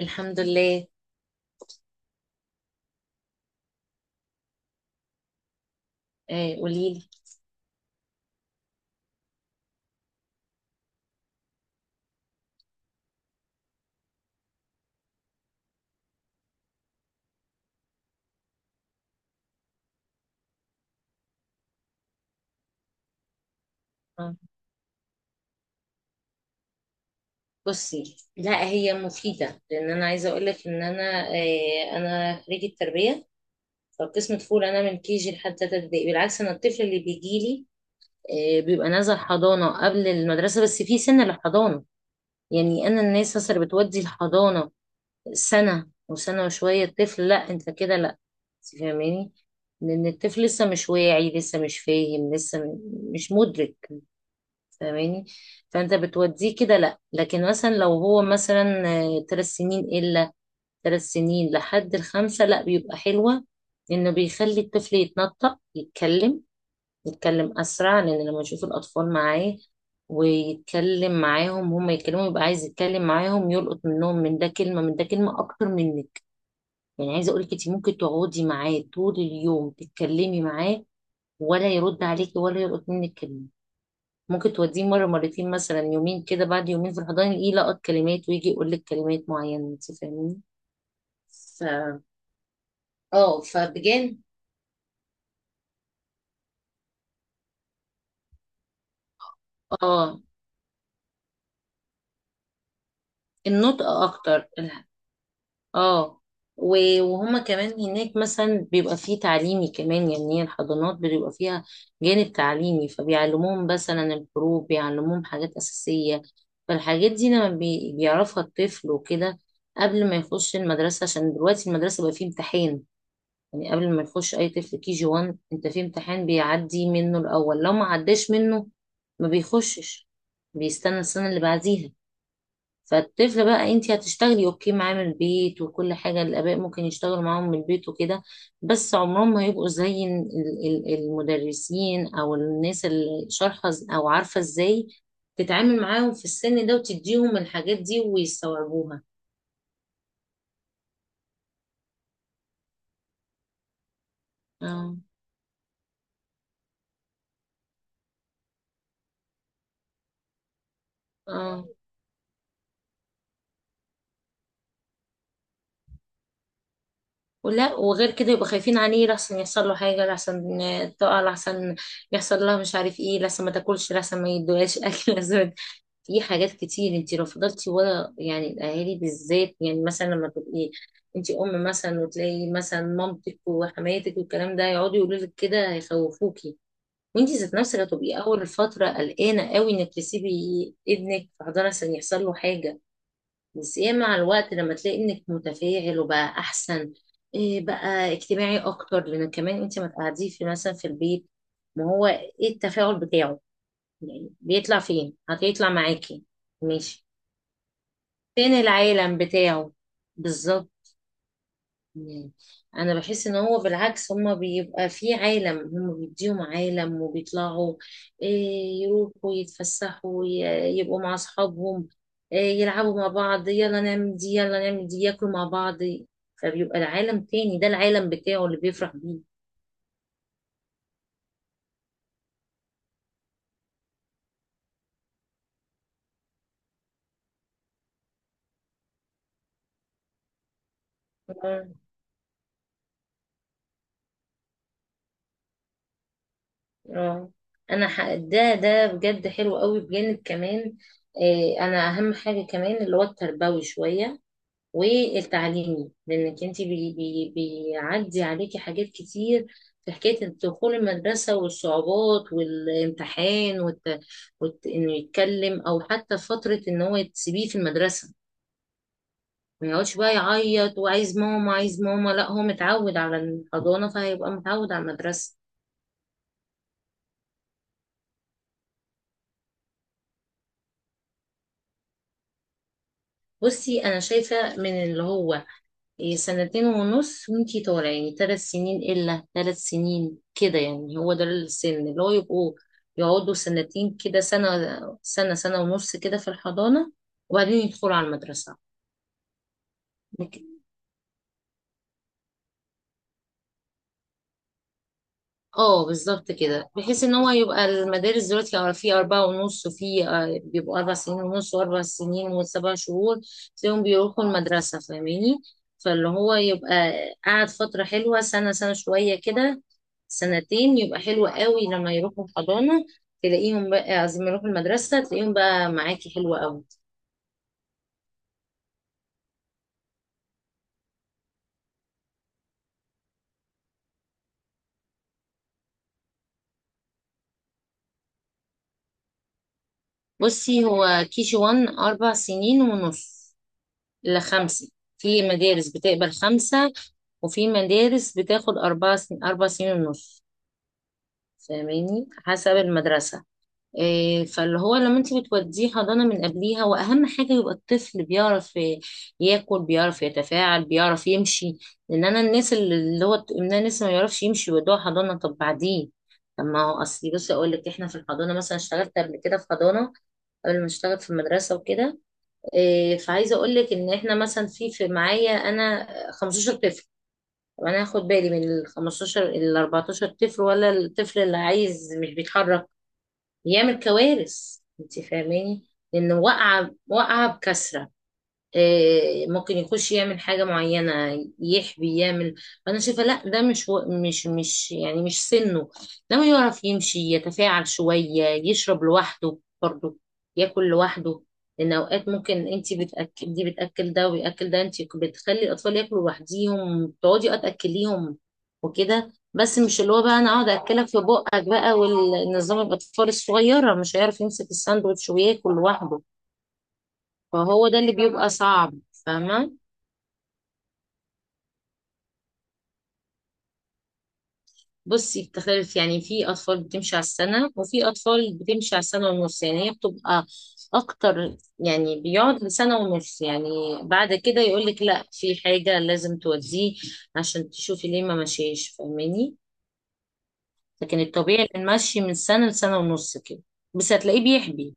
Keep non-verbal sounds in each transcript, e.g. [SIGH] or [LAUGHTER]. الحمد لله. آه، قولي لي. آه. بصي، لا، هي مفيدة، لأن أنا عايزة أقول لك إن أنا أنا خريجة تربية، فقسم طفول. أنا من كي جي لحد تالتة ابتدائي. بالعكس، أنا الطفل اللي بيجي لي بيبقى نازل حضانة قبل المدرسة، بس في سن للحضانة. يعني أنا الناس مثلا اللي بتودي الحضانة سنة وسنة وشوية الطفل، لا، أنت كده لا. أنت فاهماني؟ لأن الطفل لسه مش واعي، لسه مش فاهم، لسه مش مدرك. فاهماني؟ فانت بتوديه كده لا، لكن مثلا لو هو مثلا 3 سنين الا، 3 سنين لحد الخمسة، لا، بيبقى حلوة انه بيخلي الطفل يتنطق، يتكلم اسرع، لان لما يشوف الاطفال معاه ويتكلم معاهم هما يتكلموا، يبقى عايز يتكلم معاهم، يلقط منهم، من ده كلمة من ده كلمة اكتر منك. يعني عايزة اقولك انت ممكن تقعدي معاه طول اليوم تتكلمي معاه، ولا يرد عليكي ولا يلقط منك كلمة. ممكن توديه مرة، مرتين، مثلا يومين كده، بعد يومين في الحضانة يلقط كلمات ويجي يقول لك كلمات معينة، انت فاهمين؟ ف اه فبجان اه. النطق اكتر اه وهما كمان هناك مثلا بيبقى فيه تعليمي كمان، يعني هي الحضانات بيبقى فيها جانب تعليمي، فبيعلموهم مثلا الحروف، بيعلموهم حاجات أساسية. فالحاجات دي لما بيعرفها الطفل وكده قبل ما يخش المدرسة، عشان دلوقتي المدرسة بقى فيه امتحان. يعني قبل ما يخش اي طفل كي جي 1، انت في امتحان بيعدي منه الاول، لو ما عداش منه ما بيخشش، بيستنى السنه اللي بعديها. فالطفل بقى، انت هتشتغلي اوكي معاه من البيت وكل حاجه، الاباء ممكن يشتغلوا معاهم من البيت وكده، بس عمرهم ما هيبقوا زي المدرسين او الناس اللي شارحه، او عارفه ازاي تتعامل معاهم في السن ده وتديهم الحاجات دي ويستوعبوها. اه. اه، ولا وغير كده يبقوا خايفين عليه، لحسن يحصل له حاجة، لحسن تقع، لحسن يحصل لها مش عارف ايه، لحسن ما تاكلش، لحسن ما يدوهاش اكل [LAUGHS] لحسن. في حاجات كتير انت لو فضلتي ورا، يعني الاهالي بالذات، يعني مثلا لما تبقي انت ام مثلا وتلاقي مثلا مامتك وحماتك والكلام ده يقعدوا يقولوا لك كده، هيخوفوكي، وانت ذات نفسك هتبقي اول فترة قلقانة قوي انك تسيبي ابنك في حضانة عشان يحصل له حاجة. بس ايه، مع الوقت لما تلاقي انك متفاعل وبقى احسن، إيه بقى اجتماعي اكتر، لان كمان انت ما تقعديه في مثلا في البيت. ما هو ايه التفاعل بتاعه؟ يعني بيطلع فين؟ هتطلع معاكي؟ ماشي. فين العالم بتاعه؟ بالظبط. مم. انا بحس ان هو بالعكس، هما بيبقى في عالم، هما بيديهم عالم وبيطلعوا إيه، يروحوا يتفسحوا، يبقوا مع اصحابهم، إيه، يلعبوا مع بعض، يلا نعمل دي يلا نعمل دي، ياكلوا مع بعض. فبيبقى العالم تاني، ده العالم بتاعه اللي بيفرح بيه. اه. آه. انا ده بجد حلو قوي، بجانب كمان إيه، انا اهم حاجة كمان اللي هو التربوي شوية والتعليمي، لانك انت بي بي بيعدي عليكي حاجات كتير في حكايه دخول المدرسه والصعوبات والامتحان انه يتكلم، او حتى فتره ان هو تسيبيه في المدرسه ما يقعدش بقى يعيط وعايز ماما عايز ماما، لا هو متعود على الحضانه فهيبقى متعود على المدرسه. بصي انا شايفه من اللي هو إيه سنتين ونص وانتي طالع يعني ثلاث سنين إلا، ثلاث سنين كده، يعني هو ده السن اللي هو يبقوا يقعدوا سنتين كده، سنة سنة ونص كده في الحضانة وبعدين يدخلوا على المدرسة. اه بالظبط كده، بحيث ان هو يبقى المدارس دلوقتي أو في اربعة ونص، وفي بيبقوا 4 سنين ونص واربع سنين وسبع شهور تلاقيهم بيروحوا المدرسة. فاهماني؟ فاللي هو يبقى قعد فترة حلوة سنة، سنة شوية كده، سنتين يبقى حلو قوي لما يروحوا الحضانة. تلاقيهم بقى عايزين يروحوا المدرسة، تلاقيهم بقى معاكي حلوة قوي. بصي هو كي جي وان 4 سنين ونص لخمسة. في مدارس بتقبل خمسة وفي مدارس بتاخد أربعة 4 سنين ونص، فاهماني؟ حسب المدرسة. إيه، فاللي هو لما انت بتوديه حضانة من قبليها، وأهم حاجة يبقى الطفل بيعرف ياكل، بيعرف يتفاعل، بيعرف يمشي. لأن أنا الناس اللي هو إن أنا لسه ما يعرفش يمشي ويودوه حضانة، طب بعدين؟ طب ما هو أصلي بصي أقول لك، إحنا في الحضانة مثلا اشتغلت قبل كده في حضانة قبل ما اشتغل في المدرسة وكده. إيه، فعايزه اقول لك ان احنا مثلا في في معايا انا 15 طفل. طب انا هاخد بالي من ال 15، ال 14 طفل، ولا الطفل اللي عايز مش بيتحرك، يعمل كوارث؟ انت فاهماني؟ لان واقعه واقعه بكثره. آه، ممكن يخش يعمل حاجة معينة يحبي يعمل. فأنا شايفة لا، ده مش يعني مش سنه. لما يعرف يمشي، يتفاعل شوية، يشرب لوحده برضه، ياكل لوحده. لأن أوقات ممكن أنت بتأكل دي بتأكل ده وبيأكل ده، أنت بتخلي الأطفال ياكلوا لوحديهم، تقعدي أه تأكليهم وكده، بس مش اللي هو بقى أنا أقعد أكلك في بقك بقى والنظام. الأطفال الصغيرة مش هيعرف يمسك الساندوتش وياكل لوحده، فهو ده اللي بيبقى صعب. فاهمة؟ بصي، بتختلف، يعني في أطفال بتمشي على السنة وفي أطفال بتمشي على السنة ونص، يعني هي بتبقى أكتر يعني بيقعد لسنة ونص يعني، بعد كده يقولك لأ في حاجة لازم توديه عشان تشوفي ليه ما مشيش، فاهماني؟ لكن الطبيعي إن المشي من سنة لسنة ونص كده، بس هتلاقيه بيحبي.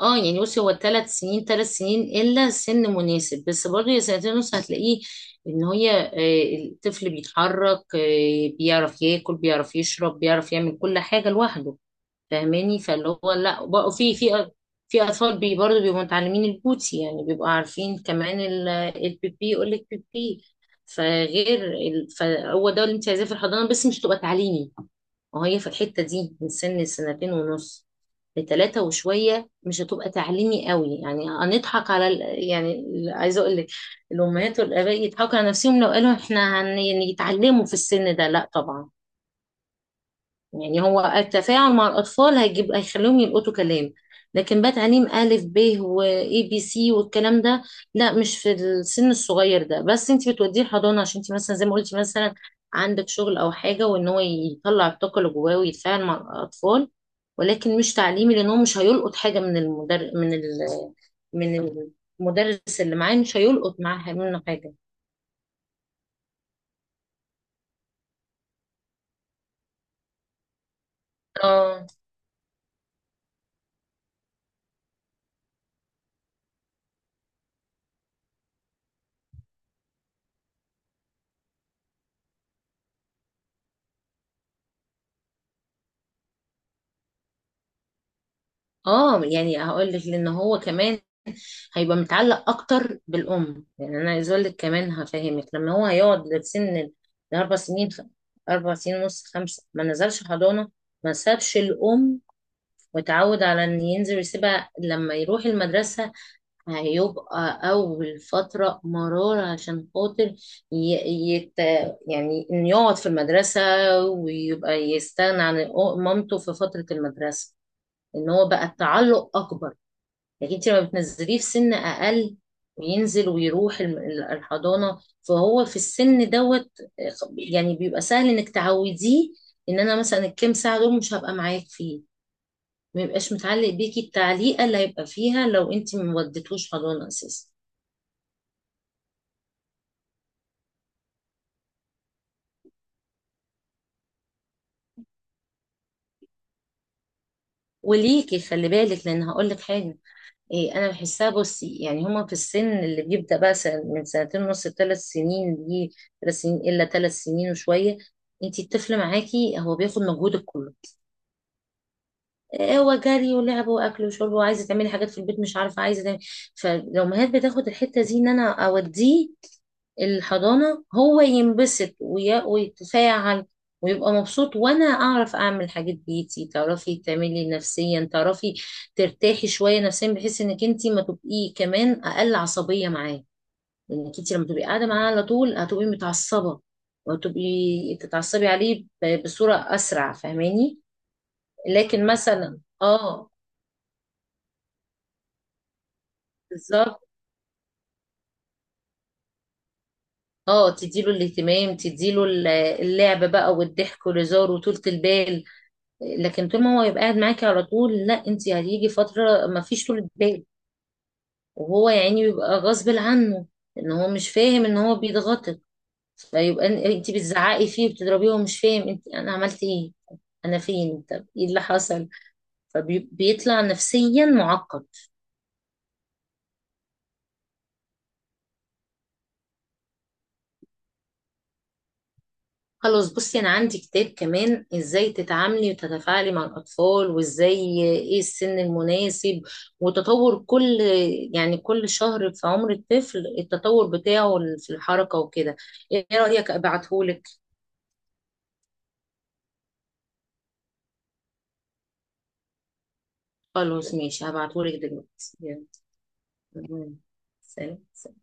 اه يعني بصي، هو 3 سنين، 3 سنين الا سن مناسب، بس برضه يا سنتين ونص هتلاقيه ان هي الطفل بيتحرك، بيعرف ياكل بيعرف يشرب بيعرف يعمل كل حاجه لوحده، فاهماني؟ فاللي هو لا، بقى في اطفال برضه بيبقوا متعلمين البوتي، يعني بيبقوا عارفين كمان البيبي، يقول لك بيبي. فهو ده اللي انت عايزاه في الحضانه، بس مش تبقى تعليمي. وهي في الحته دي من سن سنتين ونص لتلاتة وشوية مش هتبقى تعليمي قوي، يعني هنضحك على يعني عايزة أقول لك الأمهات والآباء يضحكوا على نفسهم لو قالوا إحنا يعني يتعلموا في السن ده، لا طبعا. يعني هو التفاعل مع الأطفال هيجيب، هيخليهم يلقطوا كلام، لكن بقى تعليم ألف ب وإي بي سي والكلام ده، لا، مش في السن الصغير ده. بس أنت بتوديه الحضانة عشان أنت مثلا زي ما قلتي مثلا عندك شغل أو حاجة، وإن هو يطلع الطاقة اللي جواه ويتفاعل مع الأطفال، ولكن مش تعليمي، لأن هو مش هيلقط حاجة من المدرس اللي معاه، مش هيلقط معاه منه حاجة. اه. اه يعني هقول لك، لان هو كمان هيبقى متعلق اكتر بالام. يعني انا عايز اقول لك كمان هفهمك، لما هو هيقعد لسن الاربع سنين، 4 سنين ونص خمسه ما نزلش حضانه، ما سابش الام وتعود على ان ينزل يسيبها، لما يروح المدرسه هيبقى اول فتره مرار عشان خاطر ي- يت... يعني انه يقعد في المدرسه ويبقى يستغنى عن مامته في فتره المدرسه، ان هو بقى التعلق اكبر. لكن انت لما بتنزليه في سن اقل وينزل ويروح الحضانه، فهو في السن دوت يعني بيبقى سهل انك تعوديه ان انا مثلا الكام ساعه دول مش هبقى معاك فيه، ما يبقاش متعلق بيكي التعليقه اللي هيبقى فيها لو انت ما وديتهوش حضانه اساسا. وليكي خلي بالك، لان هقول لك حاجه إيه، انا بحسها بصي، يعني هما في السن اللي بيبدا بقى من سنتين ونص لثلاث سنين دي، 3 سنين الا ثلاث سنين وشويه، انت الطفل معاكي هو بياخد مجهودك كله، هو جري ولعب واكل وشرب وعايزه تعملي حاجات في البيت مش عارفه عايزه تعملي. فالامهات بتاخد الحته دي ان انا اوديه الحضانه هو ينبسط ويتفاعل ويبقى مبسوط وانا اعرف اعمل حاجات بيتي، تعرفي تعملي نفسيا، تعرفي ترتاحي شويه نفسيا، بحيث انك انت ما تبقي كمان اقل عصبيه معاه. لانك انت لما تبقي قاعده معاه على طول هتبقي متعصبه، وتبقي تتعصبي عليه بصوره اسرع، فاهماني؟ لكن مثلا اه بالظبط، اه تديله الاهتمام، تديله اللعب بقى والضحك والهزار وطولة البال. لكن طول ما هو يبقى قاعد معاكي على طول لا، انت هتيجي فترة ما فيش طولة بال، وهو يعني بيبقى غصب عنه ان هو مش فاهم ان هو بيتغطط، فيبقى انت بتزعقي فيه وبتضربيه وهو مش فاهم انت انا عملت ايه، انا فين؟ طب ايه اللي حصل؟ فبيطلع نفسيا معقد. خلاص بصي انا عندي كتاب كمان ازاي تتعاملي وتتفاعلي مع الاطفال، وازاي ايه السن المناسب، وتطور كل يعني كل شهر في عمر الطفل التطور بتاعه في الحركة وكده. ايه رأيك ابعتهولك؟ خلاص ماشي، هبعتهولك دلوقتي. يلا. سلام.